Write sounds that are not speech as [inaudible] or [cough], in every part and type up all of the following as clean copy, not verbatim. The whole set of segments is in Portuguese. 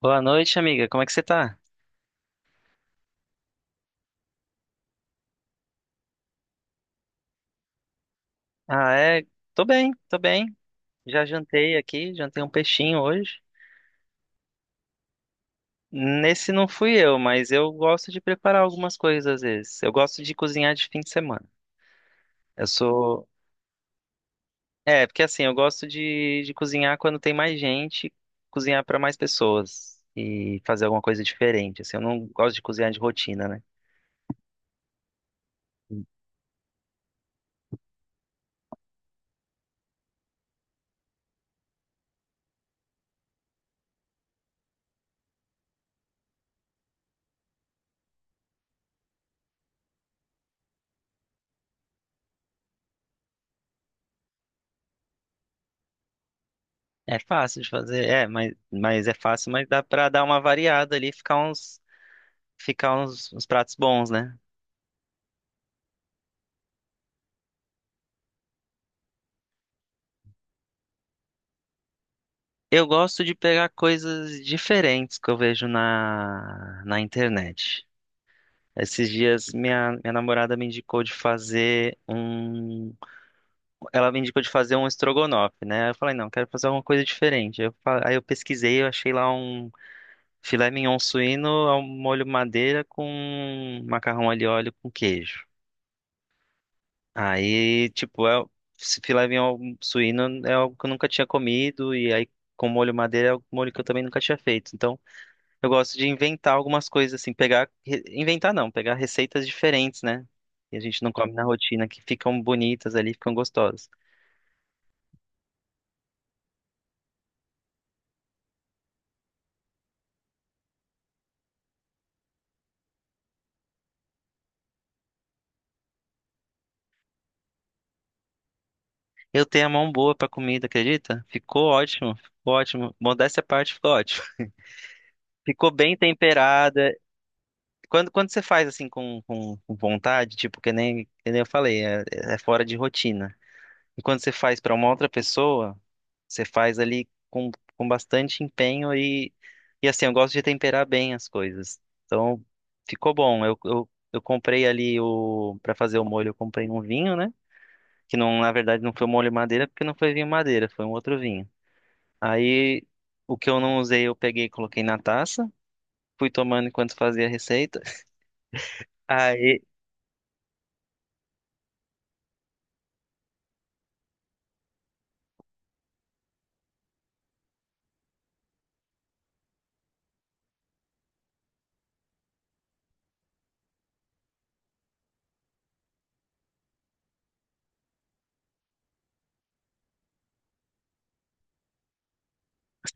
Boa noite, amiga. Como é que você tá? Ah, é. Tô bem, tô bem. Já jantei aqui, jantei um peixinho hoje. Nesse não fui eu, mas eu gosto de preparar algumas coisas às vezes. Eu gosto de cozinhar de fim de semana. Eu sou. É, porque assim, eu gosto de cozinhar quando tem mais gente, cozinhar pra mais pessoas e fazer alguma coisa diferente. Assim, eu não gosto de cozinhar de rotina, né? É fácil de fazer, é, mas é fácil, mas dá pra dar uma variada ali, ficar uns pratos bons, né? Eu gosto de pegar coisas diferentes que eu vejo na internet. Esses dias minha namorada me indicou de fazer um. Ela me indicou de fazer um estrogonofe, né? Eu falei, não, quero fazer alguma coisa diferente. Aí eu pesquisei, eu achei lá um filé mignon suíno ao molho madeira com macarrão alho e óleo com queijo. Aí, tipo, esse filé mignon suíno é algo que eu nunca tinha comido, e aí com molho madeira é um molho que eu também nunca tinha feito. Então. Eu gosto de inventar algumas coisas, assim, pegar. Inventar não, pegar receitas diferentes, né? E a gente não come na rotina, que ficam bonitas ali, ficam gostosas. Eu tenho a mão boa pra comida, acredita? Ficou ótimo, ficou ótimo. Modéstia à parte, ficou ótimo. [laughs] Ficou bem temperada. Quando você faz assim com vontade, tipo, que nem eu falei, é, fora de rotina. E quando você faz pra uma outra pessoa. Você faz ali com bastante empenho e assim, eu gosto de temperar bem as coisas. Então, ficou bom. Eu comprei ali para fazer o molho, eu comprei um vinho, né? Que não, na verdade, não foi um molho madeira, porque não foi vinho madeira, foi um outro vinho. Aí, o que eu não usei, eu peguei e coloquei na taça. Fui tomando enquanto fazia a receita. Aí,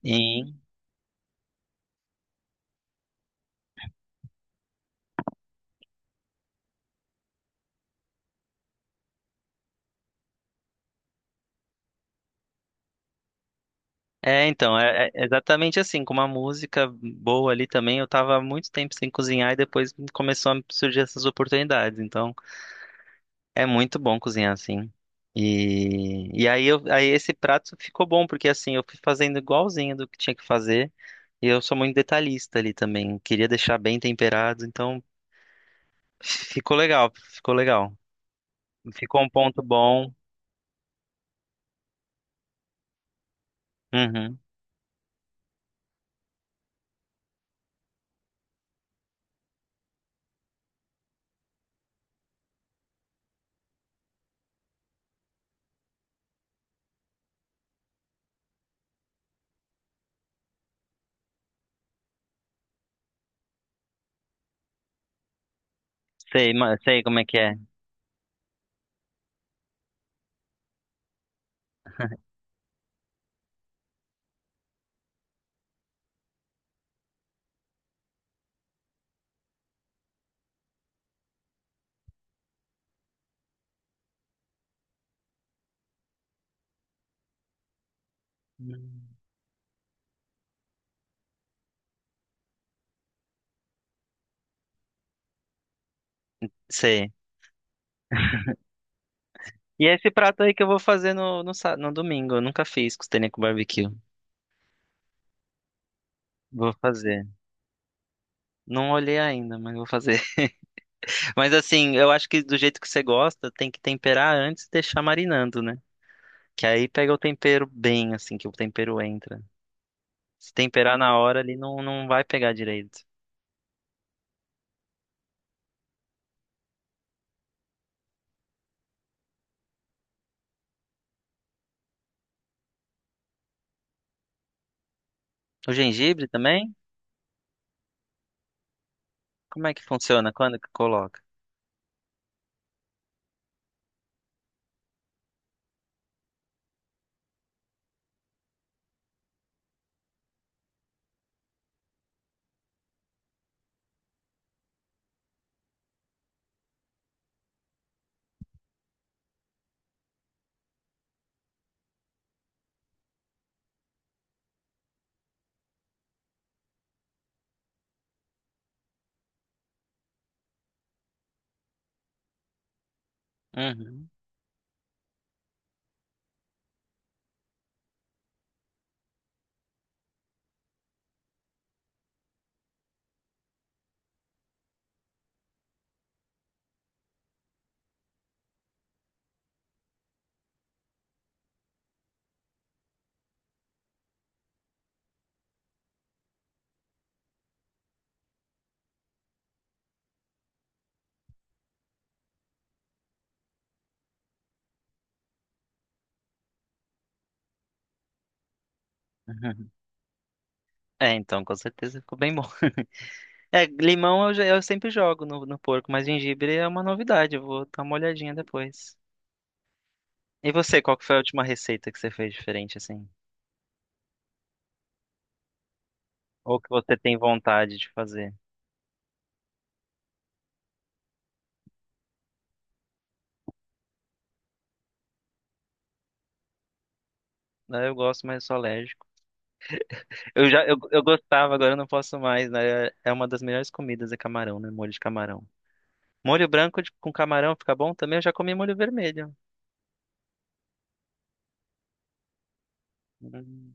sim. É, então, é exatamente assim, com uma música boa ali também. Eu tava há muito tempo sem cozinhar e depois começou a surgir essas oportunidades. Então, é muito bom cozinhar assim. E aí, aí esse prato ficou bom, porque assim, eu fui fazendo igualzinho do que tinha que fazer. E eu sou muito detalhista ali também. Queria deixar bem temperado, então ficou legal, ficou legal. Ficou um ponto bom. Uhum. Sei, sei como é que é. [laughs] Hum. Sei. E é esse prato aí que eu vou fazer no domingo. Eu nunca fiz costelinha com barbecue. Vou fazer. Não olhei ainda, mas vou fazer. Mas assim, eu acho que do jeito que você gosta, tem que temperar antes e deixar marinando, né? Que aí pega o tempero bem, assim, que o tempero entra. Se temperar na hora, ali não vai pegar direito. O gengibre também? Como é que funciona? Quando que coloca? Uhum. [laughs] Uhum. É, então, com certeza ficou bem bom. [laughs] É, limão eu sempre jogo no porco, mas gengibre é uma novidade. Eu vou dar uma olhadinha depois. E você, qual que foi a última receita que você fez diferente, assim? Ou que você tem vontade de fazer? Ah, eu gosto, mas eu sou alérgico. Eu gostava, agora eu não posso mais, né? É uma das melhores comidas, é camarão, né? Molho de camarão. Molho branco com camarão fica bom também. Eu já comi molho vermelho. Hum.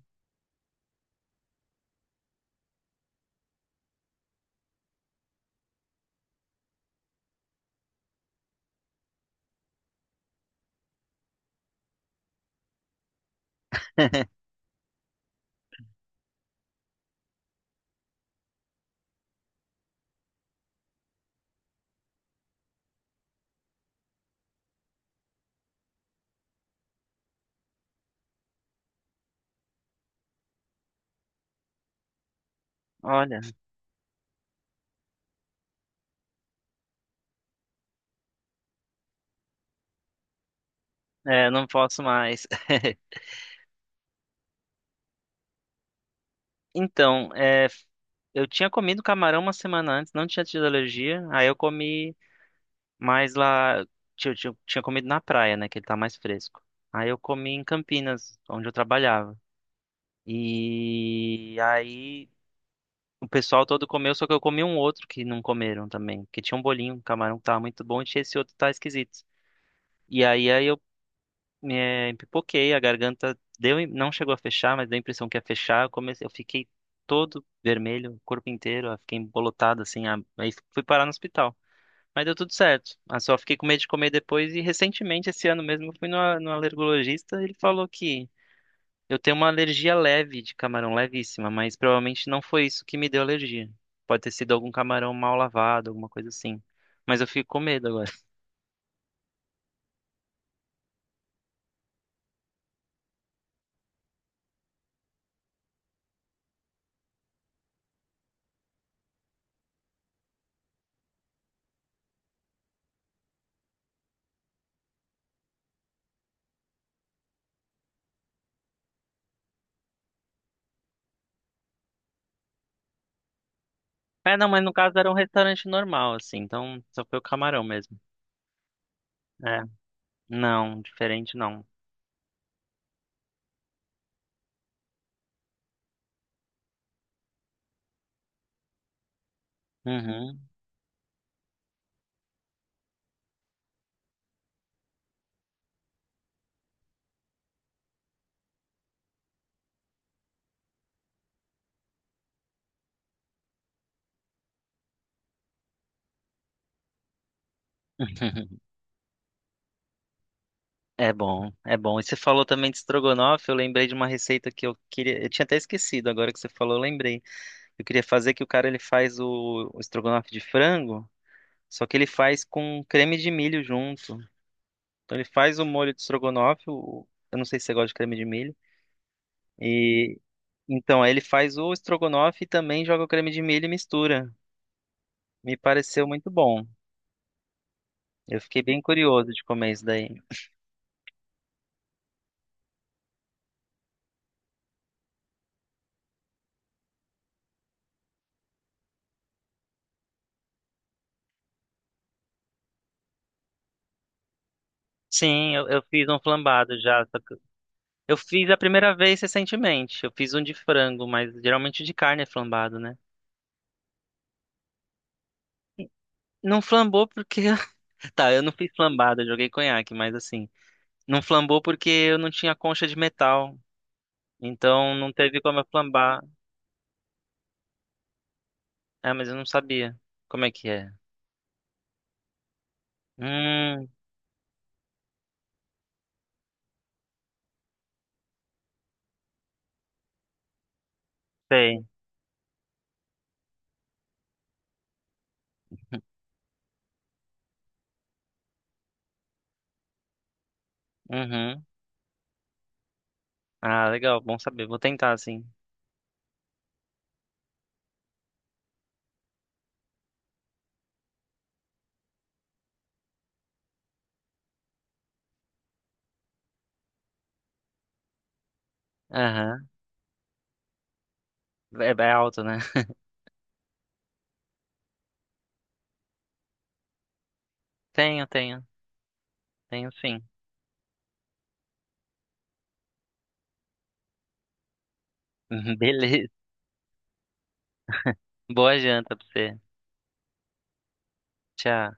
[laughs] Olha, é, não posso mais. [laughs] Então, eu tinha comido camarão uma semana antes, não tinha tido alergia. Aí eu comi mais lá. Tinha comido na praia, né? Que ele tá mais fresco. Aí eu comi em Campinas, onde eu trabalhava. E aí. O pessoal todo comeu, só que eu comi um outro que não comeram também. Que tinha um bolinho, um camarão que tava muito bom e tinha esse outro que tá esquisito. E aí eu me pipoquei, a garganta deu, não chegou a fechar, mas deu a impressão que ia fechar. Eu comecei, eu fiquei todo vermelho, o corpo inteiro, eu fiquei embolotado assim. Aí fui parar no hospital. Mas deu tudo certo. Ah, só fiquei com medo de comer depois e recentemente, esse ano mesmo, eu fui no alergologista e ele falou que eu tenho uma alergia leve de camarão, levíssima, mas provavelmente não foi isso que me deu alergia. Pode ter sido algum camarão mal lavado, alguma coisa assim. Mas eu fico com medo agora. [laughs] É, não, mas no caso era um restaurante normal, assim, então só foi o camarão mesmo. É, não, diferente não. Uhum. [laughs] É bom, é bom. E você falou também de estrogonofe, eu lembrei de uma receita que eu queria, eu tinha até esquecido, agora que você falou, eu lembrei. Eu queria fazer que o cara ele faz o estrogonofe de frango, só que ele faz com creme de milho junto. Então ele faz o molho de estrogonofe, eu não sei se você gosta de creme de milho. E então aí ele faz o estrogonofe e também joga o creme de milho e mistura. Me pareceu muito bom. Eu fiquei bem curioso de comer isso daí. Sim, eu fiz um flambado já. Só que Eu fiz a primeira vez recentemente. Eu fiz um de frango, mas geralmente de carne é flambado, né? Não flambou porque. [laughs] Tá, eu não fiz flambado, eu joguei conhaque, mas assim. Não flambou porque eu não tinha concha de metal. Então não teve como eu flambar. Ah, mas eu não sabia. Como é que é? Hum, sei. Uhum. Ah, legal, bom saber. Vou tentar, sim. Aham. É, é alto, né? [laughs] Tenho, tenho. Tenho sim. [laughs] Beleza. Boa janta pra você. Tchau.